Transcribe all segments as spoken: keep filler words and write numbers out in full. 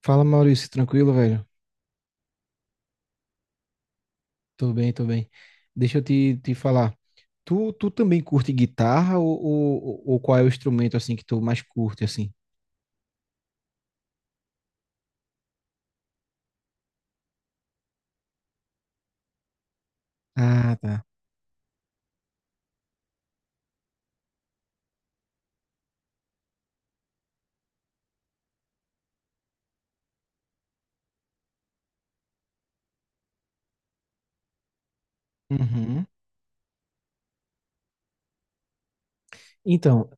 Fala, Maurício, tranquilo, velho? Tô bem, tô bem. Deixa eu te, te falar. Tu, tu também curte guitarra ou, ou, ou qual é o instrumento assim que tu mais curte assim? Ah, tá. Uhum. Então,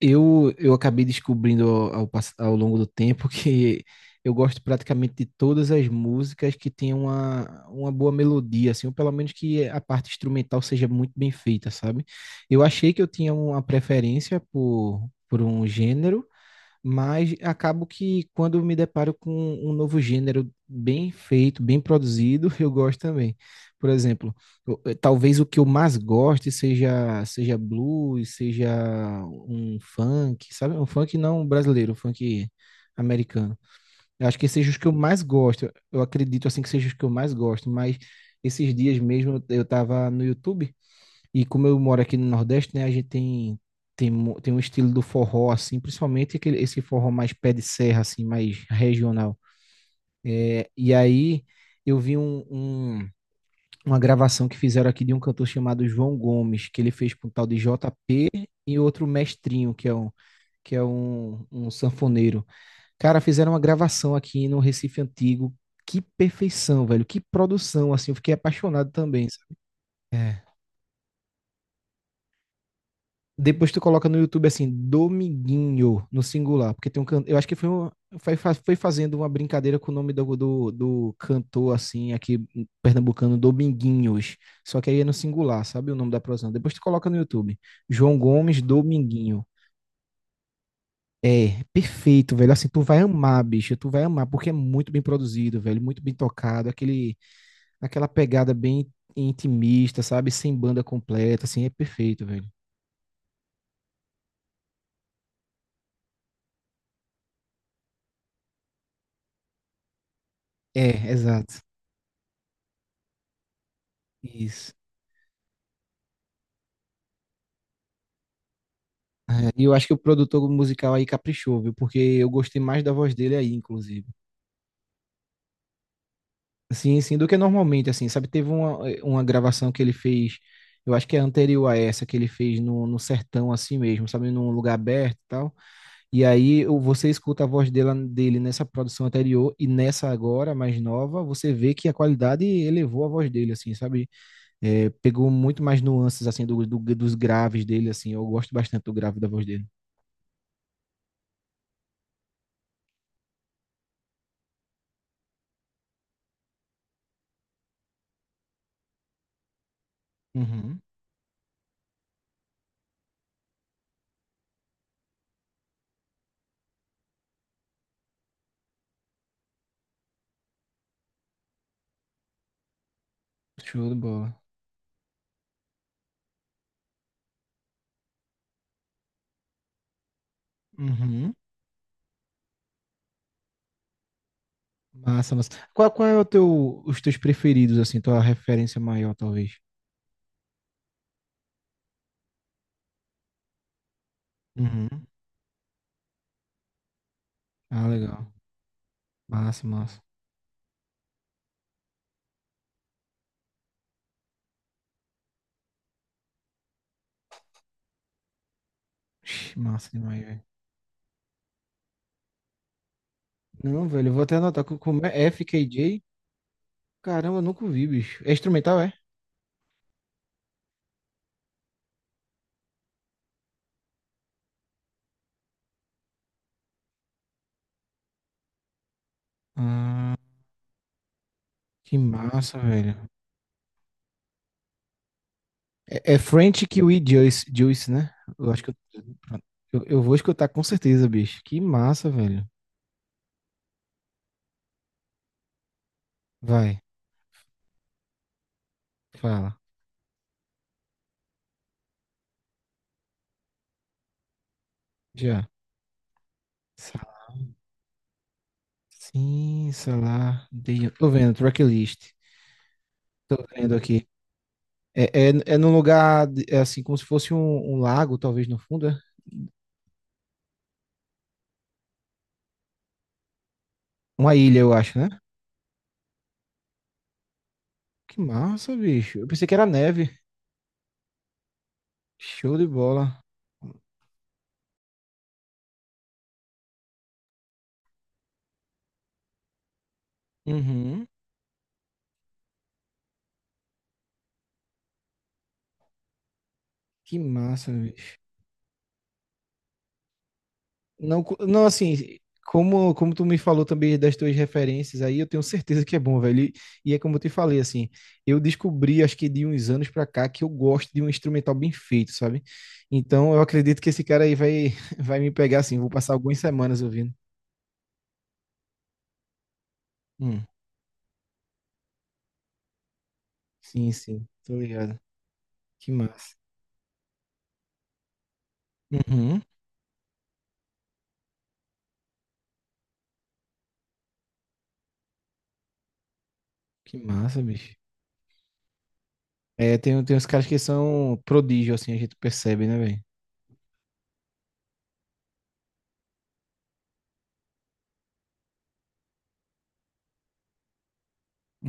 eu eu acabei descobrindo ao, ao, pass- ao longo do tempo que eu gosto praticamente de todas as músicas que tem uma, uma boa melodia, assim, ou pelo menos que a parte instrumental seja muito bem feita, sabe? Eu achei que eu tinha uma preferência por, por um gênero, mas acabo que quando me deparo com um novo gênero bem feito, bem produzido, eu gosto também. Por exemplo, eu- eu- talvez o que eu mais goste seja seja blues, seja um funk, sabe? Um funk não brasileiro, um funk americano. Eu acho que esses sejam os que eu mais gosto. Eu acredito assim que sejam os que eu mais gosto, mas esses dias mesmo eu estava no YouTube e como eu moro aqui no Nordeste, né, a gente tem, tem, mu- tem um estilo do forró, assim, principalmente aquele, esse forró mais pé de serra, assim, mais regional. É, e aí eu vi um, um- uma gravação que fizeram aqui de um cantor chamado João Gomes, que ele fez com o tal de jota pê e outro Mestrinho, que é um, que é um, um sanfoneiro. Cara, fizeram uma gravação aqui no Recife Antigo. Que perfeição, velho. Que produção, assim. Eu fiquei apaixonado também. Sabe? É. Depois tu coloca no YouTube assim, Dominguinho, no singular, porque tem um canto. Eu acho que foi, um, foi, foi fazendo uma brincadeira com o nome do, do, do cantor, assim, aqui pernambucano, Dominguinhos. Só que aí é no singular, sabe o nome da produção? Depois tu coloca no YouTube. João Gomes, Dominguinho. É, perfeito, velho. Assim, tu vai amar, bicho. Tu vai amar, porque é muito bem produzido, velho. Muito bem tocado. Aquele, aquela pegada bem intimista, sabe? Sem banda completa, assim, é perfeito, velho. É, exato. Isso. E eu acho que o produtor musical aí caprichou, viu? Porque eu gostei mais da voz dele aí, inclusive. Sim, sim, do que normalmente, assim, sabe? Teve uma, eh, uma gravação que ele fez, eu acho que é anterior a essa, que ele fez no, no sertão, assim mesmo, sabe? Num lugar aberto e tal. E aí o- você escuta a voz dela, dele nessa produção anterior e nessa agora, mais nova, você vê que a qualidade elevou a voz dele, assim, sabe? É, pegou muito mais nuances, assim, do, do- dos graves dele, assim. Eu gosto bastante do grave da voz dele. Uhum. Show de bola. Uhum. Massa, massa. Qual, qual é o teu, os teus preferidos, assim, tua referência maior, talvez? Uhum. Ah, legal. Massa, massa. Ixi, massa demais, velho. Não, velho, eu vou até anotar co- como é F K J. Caramba, eu nunca vi, bicho. É instrumental, é? Ah, que massa, velho. É, é French Kiwi Juice, Juice, né? Eu acho que eu, pronto. eu, eu vou escutar com certeza, bicho. Que massa, velho. Vai, fala. Já. Sa- Sim, sei lá. Dei- Tô vendo, tracklist. Tô vendo aqui. É, é, é num lugar, é assim, como se fosse um, um lago, talvez, no fundo, é? Uma ilha, eu acho, né? Que massa, bicho. Eu pensei que era neve. Show de bola. Uhum. Que massa, bicho. Não, co- não assim, como, como tu me falou também das tuas referências aí, eu tenho certeza que é bom, velho. E, e é como eu te falei, assim, eu descobri, acho que de uns anos pra cá, que eu gosto de um instrumental bem feito, sabe? Então, eu acredito que esse cara aí vai, vai me pegar, assim, vou passar algumas semanas ouvindo. Hum, sim, sim, tô ligado. Que massa. Uhum. Que massa, bicho. É, tem, tem uns caras que são prodígio, assim, a gente percebe, né, velho?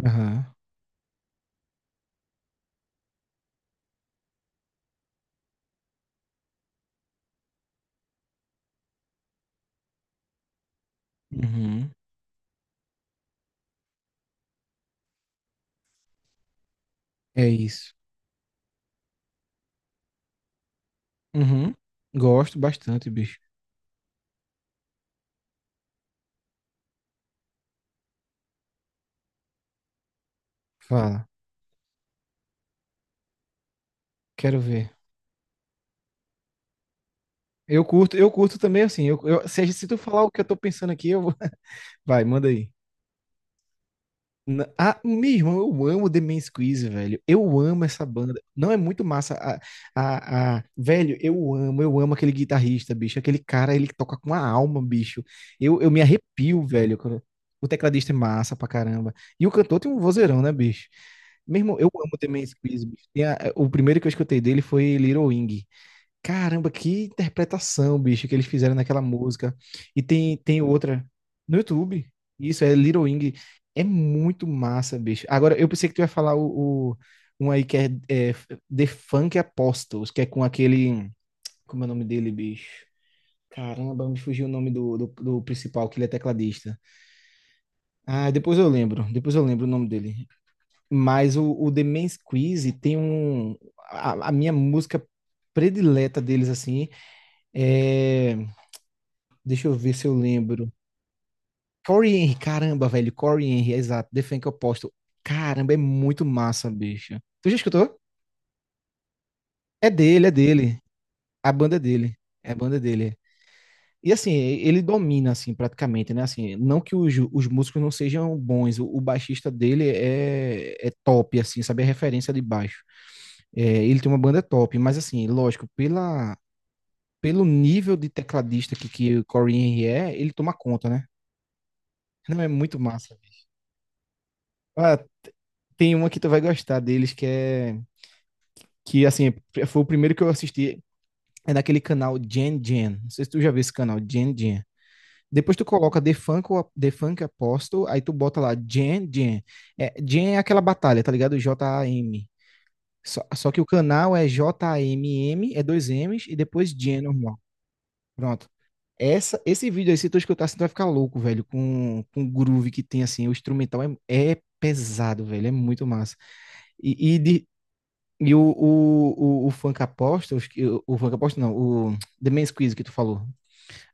Aham. Uhum. É isso. Uhum. Gosto bastante, bicho. Fala. Quero ver. Eu curto, eu curto também, assim. Eu, eu- se, a gente- se tu falar o que eu tô pensando aqui, eu vou. Vai, manda aí. Na- Ah, meu irmão, eu amo The Man's Quiz, velho. Eu amo essa banda. Não é muito massa. A, a, a- Velho, eu amo, eu amo aquele guitarrista, bicho. Aquele cara, ele toca com a alma, bicho. Eu, eu me arrepio, velho. quando- O tecladista é massa pra caramba. E o cantor tem um vozeirão, né, bicho? Meu irmão, eu amo The Man's Quiz, bicho. Tem a- o primeiro que eu escutei dele foi Little Wing. Caramba, que interpretação, bicho, que eles fizeram naquela música. E tem, tem outra no YouTube. Isso é Little Wing. É muito massa, bicho. Agora, eu pensei que tu ia falar o, o- um aí que é, é The Funk Apostles, que é com aquele. Como é o nome dele, bicho? Caramba, me fugiu o nome do, do, do principal, que ele é tecladista. Ah, depois eu lembro. Depois eu lembro o nome dele. Mas o, o The Mens Quiz tem um. A, a minha música predileta deles, assim. É. Deixa eu ver se eu lembro. Corey Henry, caramba, velho. Corey Henry, exato. The Funk Oposto. Caramba, é muito massa, bicho. Tu já escutou? É dele, é dele. A banda é dele. É a banda é dele. E assim, ele domina, assim, praticamente, né? Assim, não que os, os músicos não sejam bons. O, o baixista dele é, é top, assim, sabe? É referência de baixo. É, ele tem uma banda top, mas assim, lógico, pela, pelo nível de tecladista que, que o Corey Henry é, ele toma conta, né? Não, é muito massa. Ah, tem uma que tu vai gostar deles, que é. Que assim, foi o primeiro que eu assisti. É naquele canal Gen Gen. Não sei se tu já viu esse canal, Gen Gen. Depois tu coloca The Funk, The Funk Apostle, aí tu bota lá Gen Gen. É, Gen é aquela batalha, tá ligado? J-A-M. Só, só que o canal é J-A-M-M, é dois M's, e depois Gen normal. Pronto. Essa, esse vídeo aí, se tu escutar, você vai ficar louco, velho, com, com o groove que tem, assim, o instrumental é, é pesado, velho, é muito massa. E, e de, E o, o, o, o Funk Apostles, que- o, o Funk Apostles não, o The Man's Quiz que tu falou.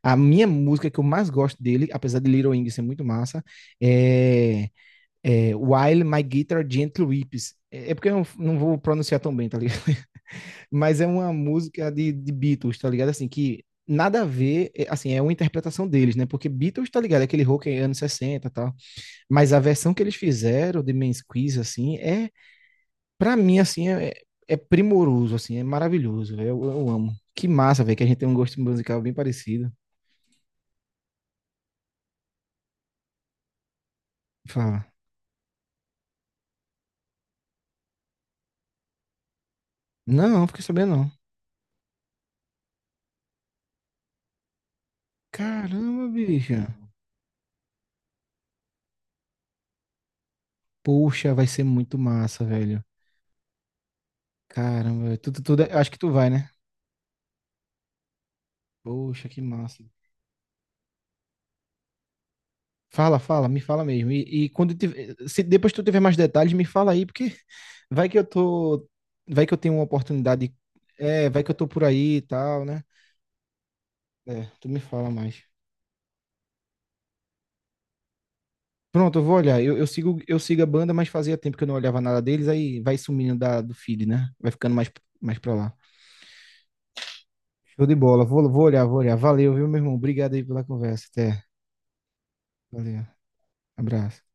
A minha música que eu mais gosto dele, apesar de Little Wing ser muito massa, é, é While My Guitar Gently Weeps. É é porque eu não, não vou pronunciar tão bem, tá ligado? Mas é uma música de, de Beatles, tá ligado? Assim, que nada a ver, é, assim, é uma interpretação deles, né? Porque Beatles, tá ligado? É aquele rock anos sessenta e tal. Mas a versão que eles fizeram, The Man's Quiz, assim, é. Pra mim, assim, é, é é primoroso, assim, é maravilhoso, velho. Eu, eu amo. Que massa, velho, que a gente tem um gosto musical bem parecido. Fala, não, fiquei sabendo não. Caramba, bicha. Poxa, vai ser muito massa, velho. Caramba, velho. tu, tu, tu- acho que tu vai, né? Poxa, que massa. Fala, fala, me fala mesmo. E, e quando tiver, se depois tu tiver mais detalhes, me fala aí, porque vai que eu tô, vai que eu tenho uma oportunidade, é, vai que eu tô por aí e tal, né? É, tu me fala mais. Pronto, eu vou olhar. Eu, eu sigo, eu sigo a banda, mas fazia tempo que eu não olhava nada deles, aí vai sumindo da, do feed, né? Vai ficando mais, mais pra lá. Show de bola. Vou, vou olhar, vou olhar. Valeu, viu, meu irmão? Obrigado aí pela conversa. Até. Valeu. Abraço.